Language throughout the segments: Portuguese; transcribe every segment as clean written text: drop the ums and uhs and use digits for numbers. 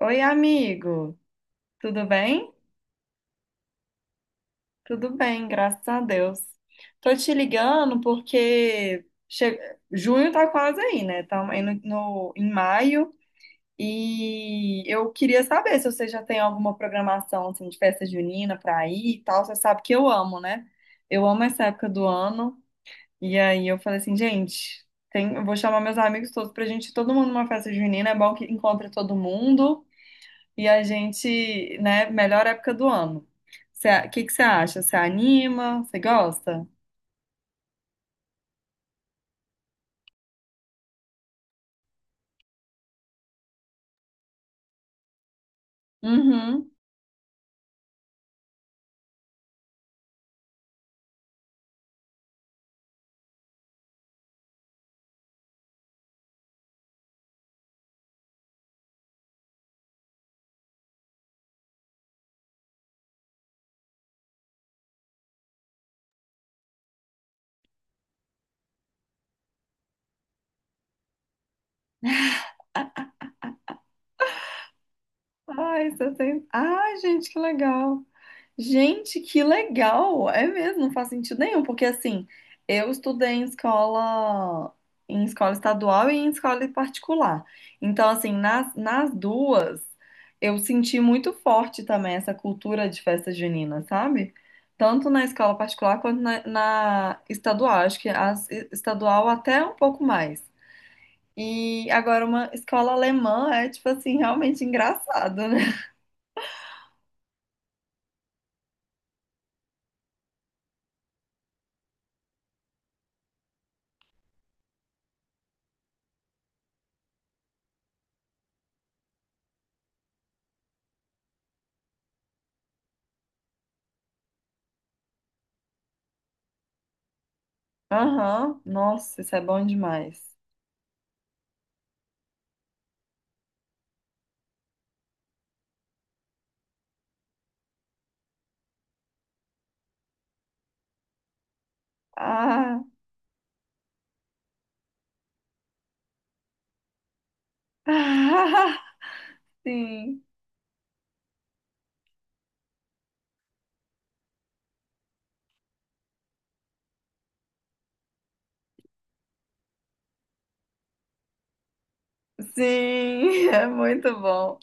Oi, amigo. Tudo bem? Tudo bem, graças a Deus. Tô te ligando porque junho tá quase aí, né? Estamos aí em maio e eu queria saber se você já tem alguma programação assim, de festa junina pra ir e tal. Você sabe que eu amo, né? Eu amo essa época do ano. E aí eu falei assim, gente, tem... eu vou chamar meus amigos todos pra gente ir todo mundo numa festa junina. É bom que encontre todo mundo. E a gente, né, melhor época do ano. O que que você acha? Você anima? Você gosta? Uhum. Ai, você tem... Ai, gente, que legal. Gente, que legal! É mesmo, não faz sentido nenhum, porque assim, eu estudei em escola estadual e em escola particular. Então, assim, nas duas, eu senti muito forte também essa cultura de festa junina, sabe? Tanto na escola particular quanto na estadual. Acho que a estadual até um pouco mais. E agora, uma escola alemã é, tipo assim, realmente engraçado, né? Aham, nossa, isso é bom demais. Ah, sim. Sim, é muito bom.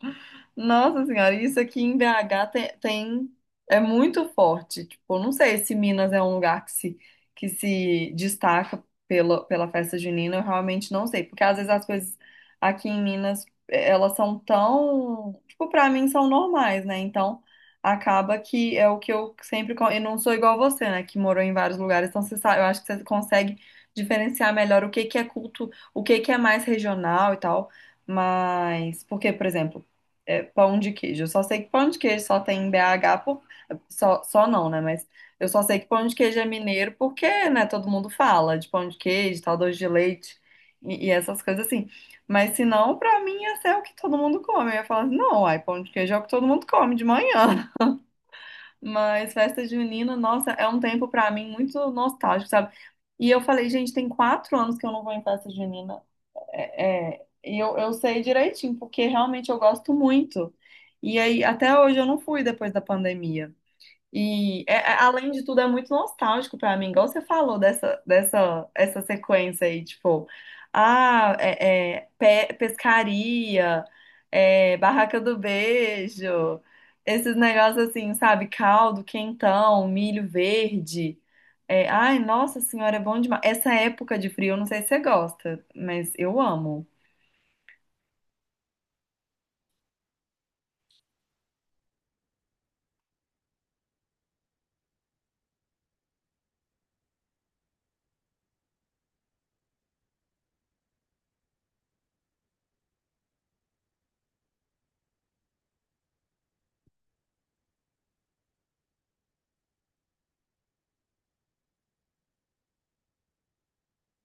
Nossa Senhora, isso aqui em BH é muito forte. Tipo, não sei se Minas é um lugar que se destaca pela festa junina, eu realmente não sei, porque às vezes as coisas aqui em Minas, elas são tão, tipo, pra mim são normais, né? Então, acaba que é o que eu sempre, e não sou igual você, né, que morou em vários lugares, então você sabe, eu acho que você consegue diferenciar melhor o que que é culto, o que que é mais regional e tal. Mas, porque, por exemplo, é, pão de queijo. Eu só sei que pão de queijo só tem em BH, por... só, só não, né? Mas eu só sei que pão de queijo é mineiro porque, né, todo mundo fala de pão de queijo, tal, doce de leite e essas coisas assim. Mas se não, pra mim, ia ser o que todo mundo come. Eu ia falar assim, não, ai, pão de queijo é o que todo mundo come de manhã. Mas festa junina, nossa, é um tempo pra mim muito nostálgico, sabe? E eu falei, gente, tem 4 anos que eu não vou em festa junina. É, é, e eu sei direitinho, porque realmente eu gosto muito. E aí, até hoje eu não fui depois da pandemia. E além de tudo, é muito nostálgico pra mim, igual você falou dessa, essa sequência aí, tipo, ah, é, é, pescaria, é, barraca do beijo, esses negócios assim, sabe? Caldo, quentão, milho verde. É, ai, nossa senhora, é bom demais. Essa época de frio, eu não sei se você gosta, mas eu amo.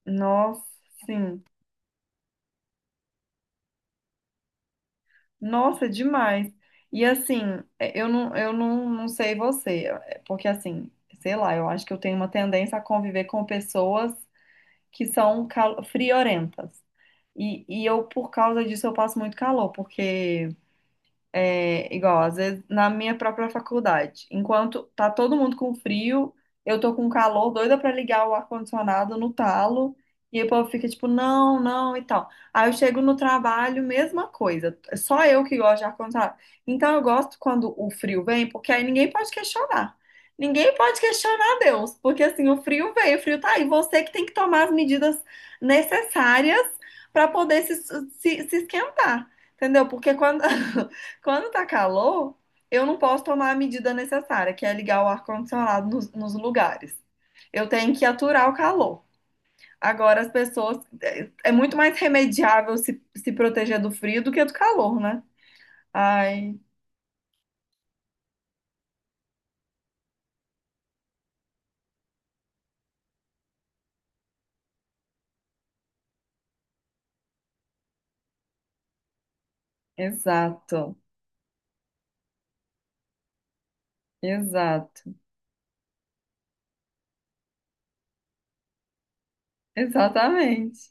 Nossa, sim. Nossa, é demais. E assim, é, eu não, não sei você, é, porque assim, sei lá, eu acho que eu tenho uma tendência a conviver com pessoas que são friorentas. E eu, por causa disso, eu passo muito calor, porque é, igual, às vezes, na minha própria faculdade. Enquanto tá todo mundo com frio, eu tô com calor, doida pra ligar o ar-condicionado no talo, e aí o povo fica tipo, não, não, e tal. Aí eu chego no trabalho, mesma coisa. Só eu que gosto de ar-condicionado. Então eu gosto quando o frio vem, porque aí ninguém pode questionar. Ninguém pode questionar Deus, porque assim, o frio veio, o frio tá aí. Você que tem que tomar as medidas necessárias pra poder se, se esquentar. Entendeu? Porque quando, quando tá calor, eu não posso tomar a medida necessária, que é ligar o ar-condicionado nos lugares. Eu tenho que aturar o calor. Agora, as pessoas. É muito mais remediável se, se proteger do frio do que do calor, né? Ai, exato, exato, exatamente.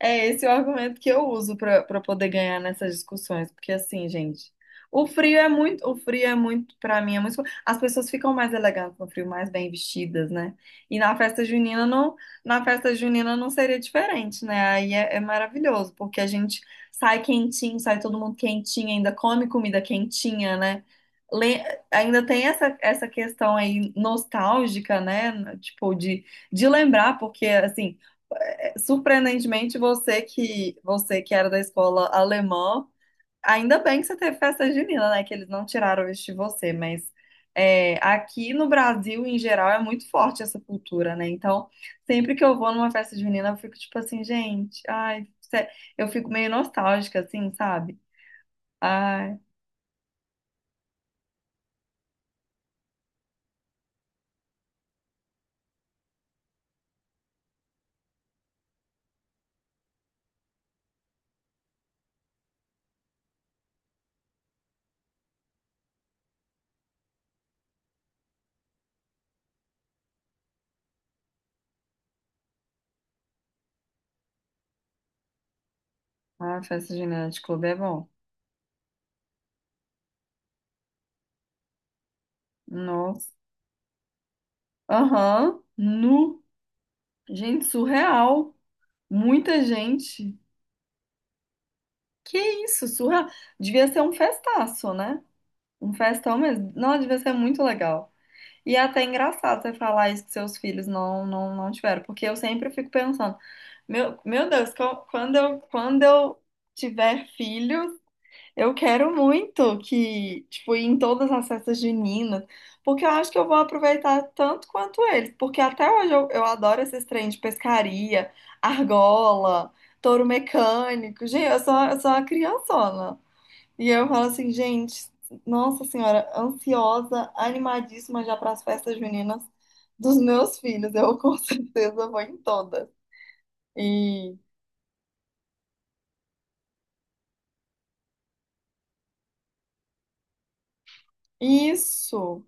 É esse o argumento que eu uso para poder ganhar nessas discussões, porque assim, gente, o frio é muito, para mim é muito, as pessoas ficam mais elegantes no frio, mais bem vestidas, né? E na festa junina não, na festa junina não seria diferente, né? Aí é, é maravilhoso, porque a gente sai quentinho, sai todo mundo quentinho, ainda come comida quentinha, né? Le- Ainda tem essa, essa questão aí nostálgica, né? Tipo, de lembrar, porque assim, surpreendentemente, você que era da escola alemã, ainda bem que você teve festa junina, né? Que eles não tiraram isso de você, mas é, aqui no Brasil, em geral, é muito forte essa cultura, né? Então, sempre que eu vou numa festa junina, eu fico tipo assim, gente, ai, eu fico meio nostálgica, assim, sabe? Ai, a festa junina de clube é bom. Nossa. Aham, nu. Gente, surreal. Muita gente. Que isso, surra. Devia ser um festaço, né? Um festão mesmo. Não, devia ser muito legal. E é até engraçado você falar isso que seus filhos não tiveram, porque eu sempre fico pensando, meu Deus, quando quando eu tiver filhos, eu quero muito que, tipo, ir em todas as festas juninas, porque eu acho que eu vou aproveitar tanto quanto eles, porque até hoje eu adoro esses trens de pescaria, argola, touro mecânico. Gente, eu sou uma criançona. E eu falo assim, gente, nossa senhora, ansiosa, animadíssima já para as festas juninas dos meus filhos. Eu com certeza vou em todas. E isso.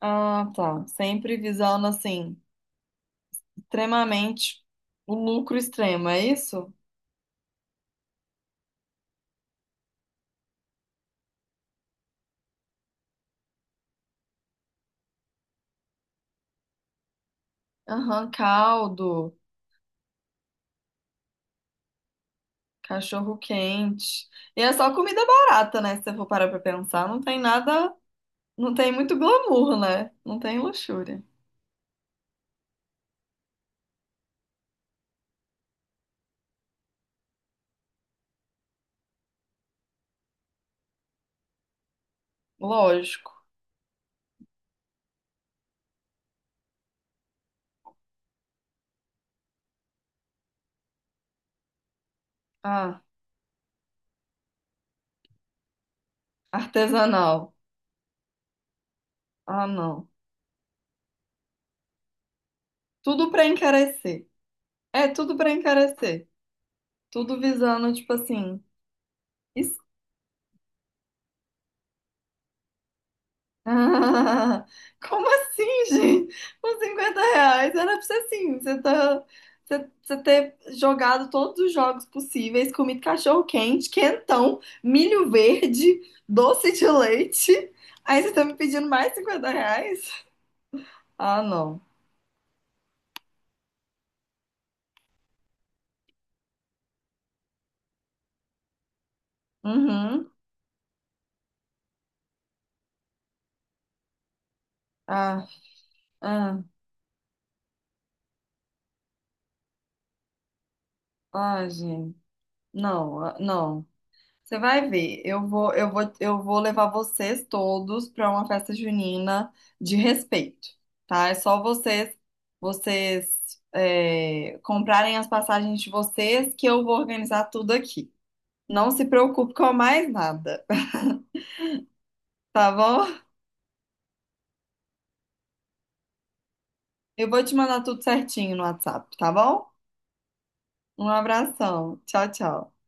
Ah, tá. Sempre visando assim, extremamente o lucro extremo, é isso? Aham, caldo, cachorro quente. E é só comida barata, né? Se você for parar pra pensar, não tem nada, não tem muito glamour, né? Não tem luxúria. Lógico. Ah, artesanal. Ah, não. Tudo pra encarecer. É, tudo pra encarecer. Tudo visando, tipo assim. es- Ah, como assim, gente? Com 50 reais era pra ser assim. Você tá. Você ter jogado todos os jogos possíveis, comido cachorro quente, quentão, milho verde, doce de leite. Aí você tá me pedindo mais 50 reais? Ah, não. Uhum. Ah, ah, gente. Não, ah, não. Você vai ver, eu vou levar vocês todos para uma festa junina de respeito, tá? É só vocês, vocês é, comprarem as passagens de vocês que eu vou organizar tudo aqui. Não se preocupe com mais nada, tá bom? Eu vou te mandar tudo certinho no WhatsApp, tá bom? Um abração, tchau, tchau.